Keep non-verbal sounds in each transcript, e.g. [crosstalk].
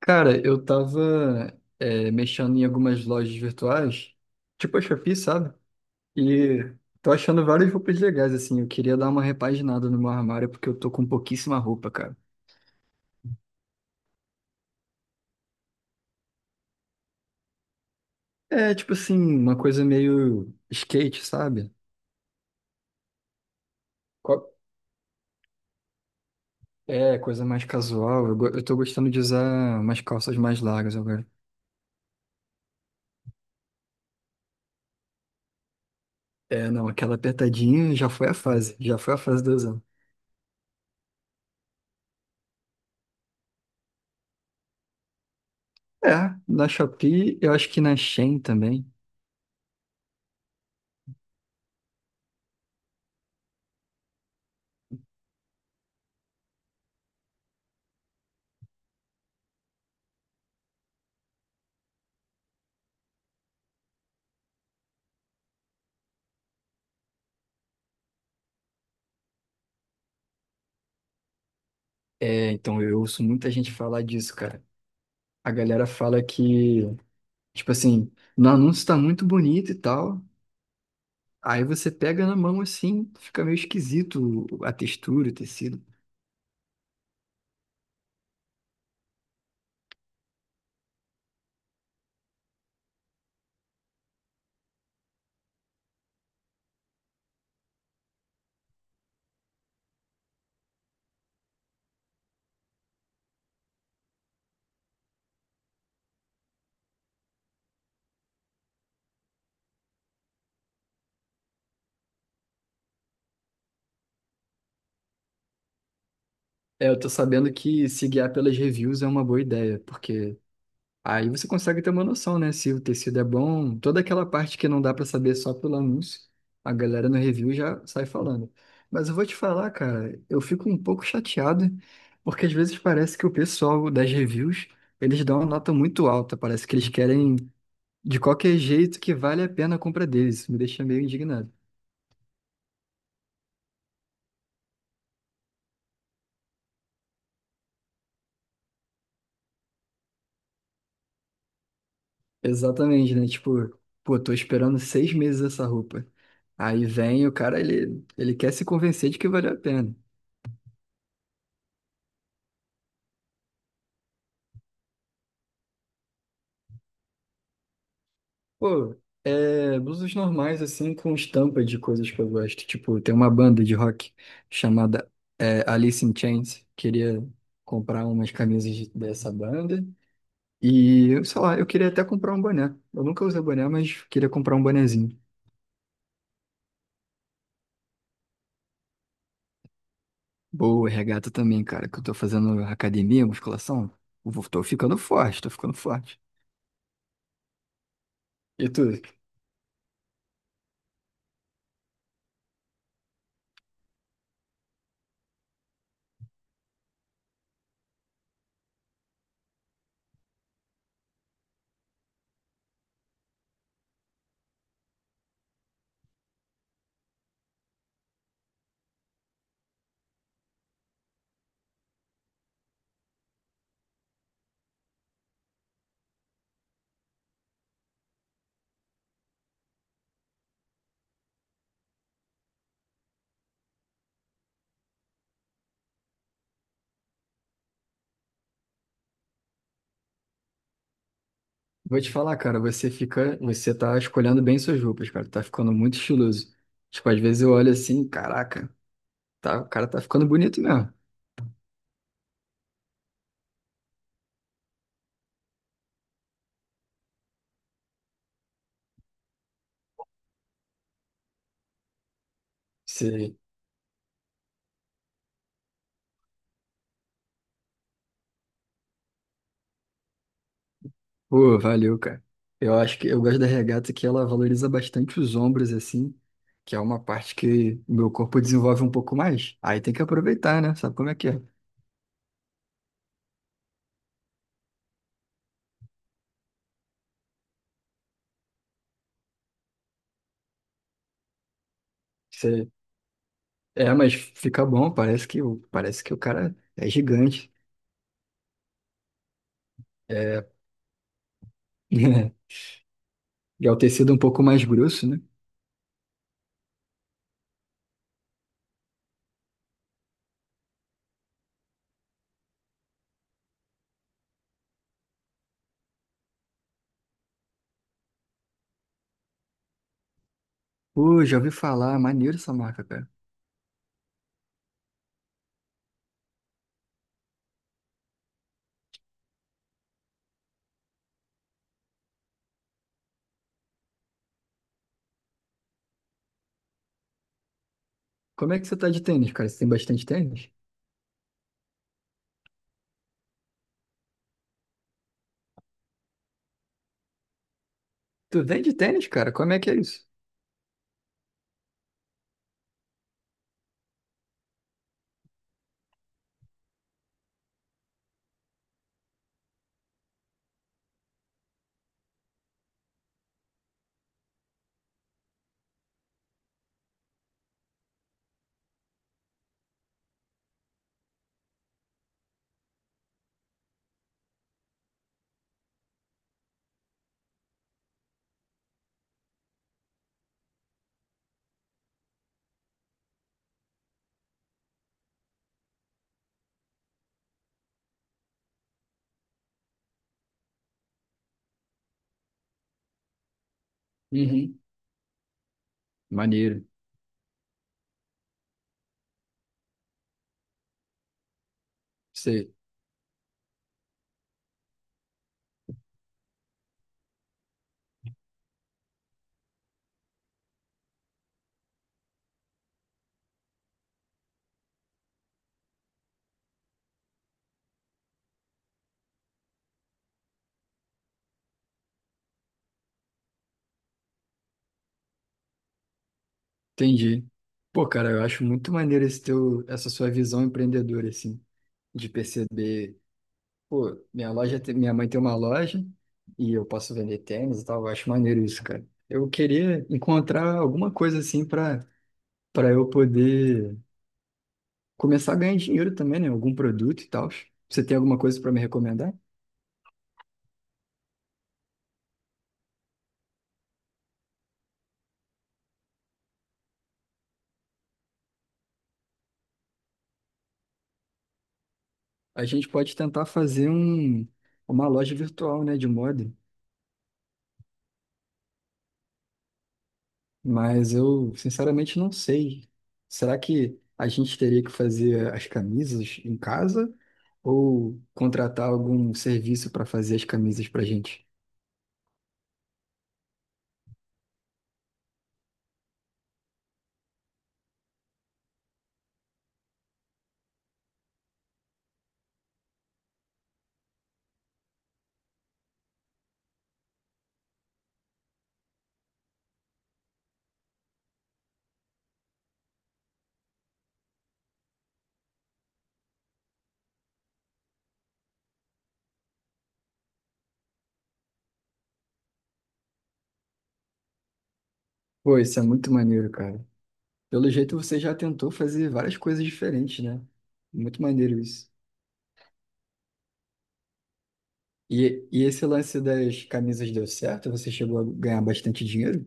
Cara, eu tava mexendo em algumas lojas virtuais, tipo a Shopee, sabe? E tô achando várias roupas legais, assim. Eu queria dar uma repaginada no meu armário, porque eu tô com pouquíssima roupa, cara. É, tipo assim, uma coisa meio skate, sabe? Co- É, coisa mais casual. Eu, eu tô gostando de usar umas calças mais largas agora. É, não, aquela apertadinha já foi a fase, já foi a fase do usando. É, na Shopee, eu acho que na Shein também. É, então eu ouço muita gente falar disso, cara. A galera fala que, tipo assim, no anúncio tá muito bonito e tal. Aí você pega na mão assim, fica meio esquisito a textura, o tecido. É, eu tô sabendo que se guiar pelas reviews é uma boa ideia, porque aí você consegue ter uma noção, né? Se o tecido é bom, toda aquela parte que não dá pra saber só pelo anúncio, a galera no review já sai falando. Mas eu vou te falar, cara, eu fico um pouco chateado, porque às vezes parece que o pessoal das reviews eles dão uma nota muito alta, parece que eles querem de qualquer jeito que vale a pena a compra deles. Isso me deixa meio indignado. Exatamente, né? Tipo, pô, tô esperando 6 meses essa roupa. Aí vem o cara, ele quer se convencer de que valeu a pena. Pô, é blusas normais, assim, com estampa de coisas que eu gosto. Tipo, tem uma banda de rock chamada Alice in Chains. Queria comprar umas camisas dessa banda. E, sei lá, eu queria até comprar um boné. Eu nunca usei boné, mas queria comprar um bonezinho. Boa, regata também, cara, que eu tô fazendo academia, musculação. Tô ficando forte, tô ficando forte. E tu? Vou te falar, cara, você tá escolhendo bem suas roupas, cara, tá ficando muito estiloso. Tipo, às vezes eu olho assim, caraca, tá, o cara tá ficando bonito mesmo. Sei. Pô, valeu, cara. Eu acho que eu gosto da regata que ela valoriza bastante os ombros, assim, que é uma parte que o meu corpo desenvolve um pouco mais. Aí tem que aproveitar, né? Sabe como é que é? É, mas fica bom, parece que, parece que o cara é gigante. É, [laughs] e é o tecido um pouco mais grosso, né? Pô, já ouvi falar, maneiro essa marca, cara. Como é que você tá de tênis, cara? Você tem bastante tênis? Tu vende tênis, cara? Como é que é isso? Uhum. Maneiro. Sei, entendi. Pô, cara, eu acho muito maneiro essa sua visão empreendedora, assim, de perceber. Pô, minha loja, minha mãe tem uma loja e eu posso vender tênis e tal. Eu acho maneiro isso, cara. Eu queria encontrar alguma coisa assim pra para eu poder começar a ganhar dinheiro também, né? Algum produto e tal. Você tem alguma coisa pra me recomendar? A gente pode tentar fazer uma loja virtual, né, de moda, mas eu sinceramente não sei. Será que a gente teria que fazer as camisas em casa ou contratar algum serviço para fazer as camisas pra gente? Pô, isso é muito maneiro, cara. Pelo jeito você já tentou fazer várias coisas diferentes, né? Muito maneiro isso. E esse lance das camisas deu certo? Você chegou a ganhar bastante dinheiro?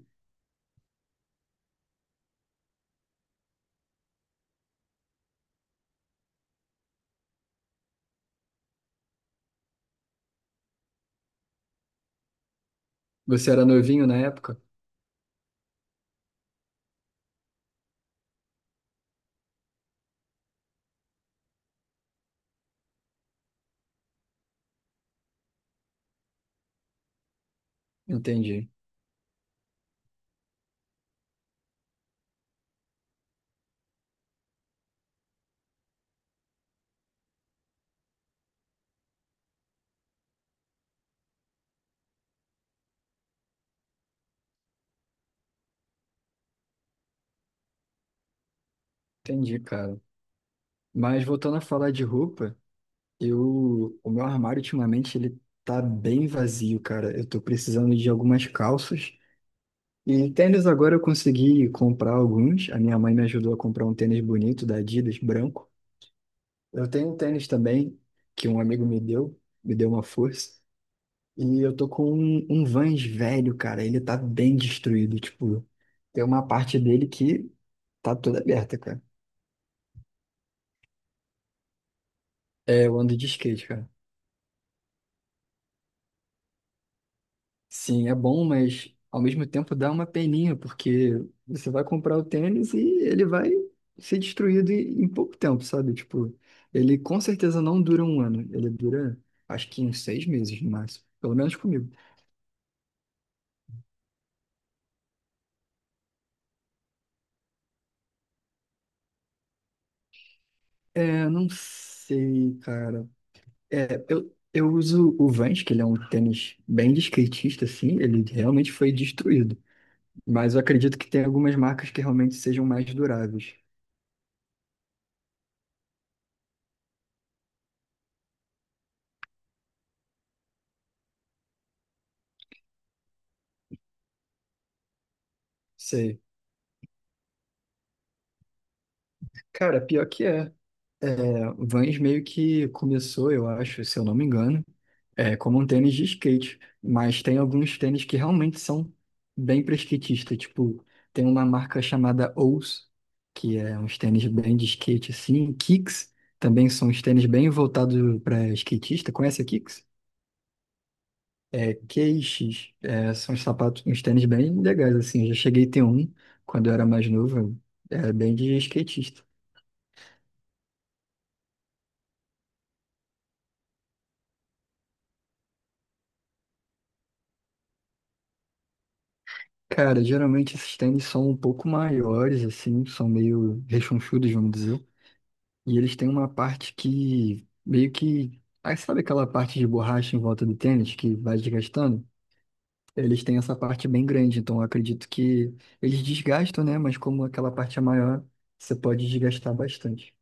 Você era novinho na época? Entendi. Entendi, cara. Mas voltando a falar de roupa, eu, o meu armário ultimamente ele tá bem vazio, cara. Eu tô precisando de algumas calças. E tênis agora eu consegui comprar alguns. A minha mãe me ajudou a comprar um tênis bonito da Adidas, branco. Eu tenho um tênis também, que um amigo me deu uma força. E eu tô com um Vans velho, cara. Ele tá bem destruído. Tipo, tem uma parte dele que tá toda aberta, cara. É, eu ando de skate, cara. Sim, é bom, mas ao mesmo tempo dá uma peninha, porque você vai comprar o tênis e ele vai ser destruído em pouco tempo, sabe? Tipo, ele com certeza não dura um ano. Ele dura, acho que uns 6 meses no máximo. Pelo menos comigo. É, não sei, cara. É, eu uso o Vans, que ele é um tênis bem de skatista, assim, ele realmente foi destruído. Mas eu acredito que tem algumas marcas que realmente sejam mais duráveis. Sei. Cara, pior que é. É, Vans meio que começou, eu acho, se eu não me engano, é, como um tênis de skate, mas tem alguns tênis que realmente são bem para skatista, tipo, tem uma marca chamada Ous, que é uns tênis bem de skate assim, Kicks também são uns tênis bem voltados para skatista, conhece a Kicks? É, QX, é, são uns sapatos, uns tênis bem legais assim, eu já cheguei a ter um quando eu era mais novo, era bem de skatista. Cara, geralmente esses tênis são um pouco maiores, assim, são meio rechonchudos, vamos dizer. E eles têm uma parte que meio que. Aí sabe aquela parte de borracha em volta do tênis que vai desgastando? Eles têm essa parte bem grande, então eu acredito que eles desgastam, né? Mas como aquela parte é maior, você pode desgastar bastante.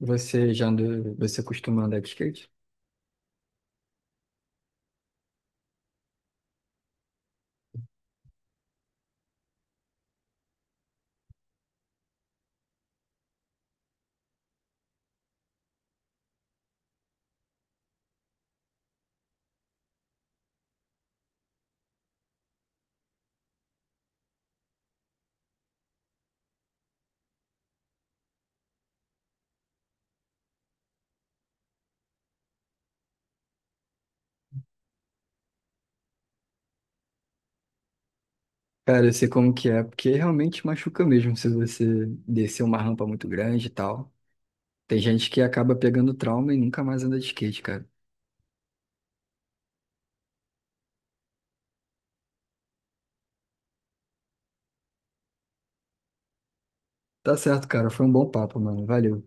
Você já andou, você costuma andar de skate? Cara, eu sei como que é, porque realmente machuca mesmo se você descer uma rampa muito grande e tal. Tem gente que acaba pegando trauma e nunca mais anda de skate, cara. Tá certo, cara. Foi um bom papo, mano. Valeu.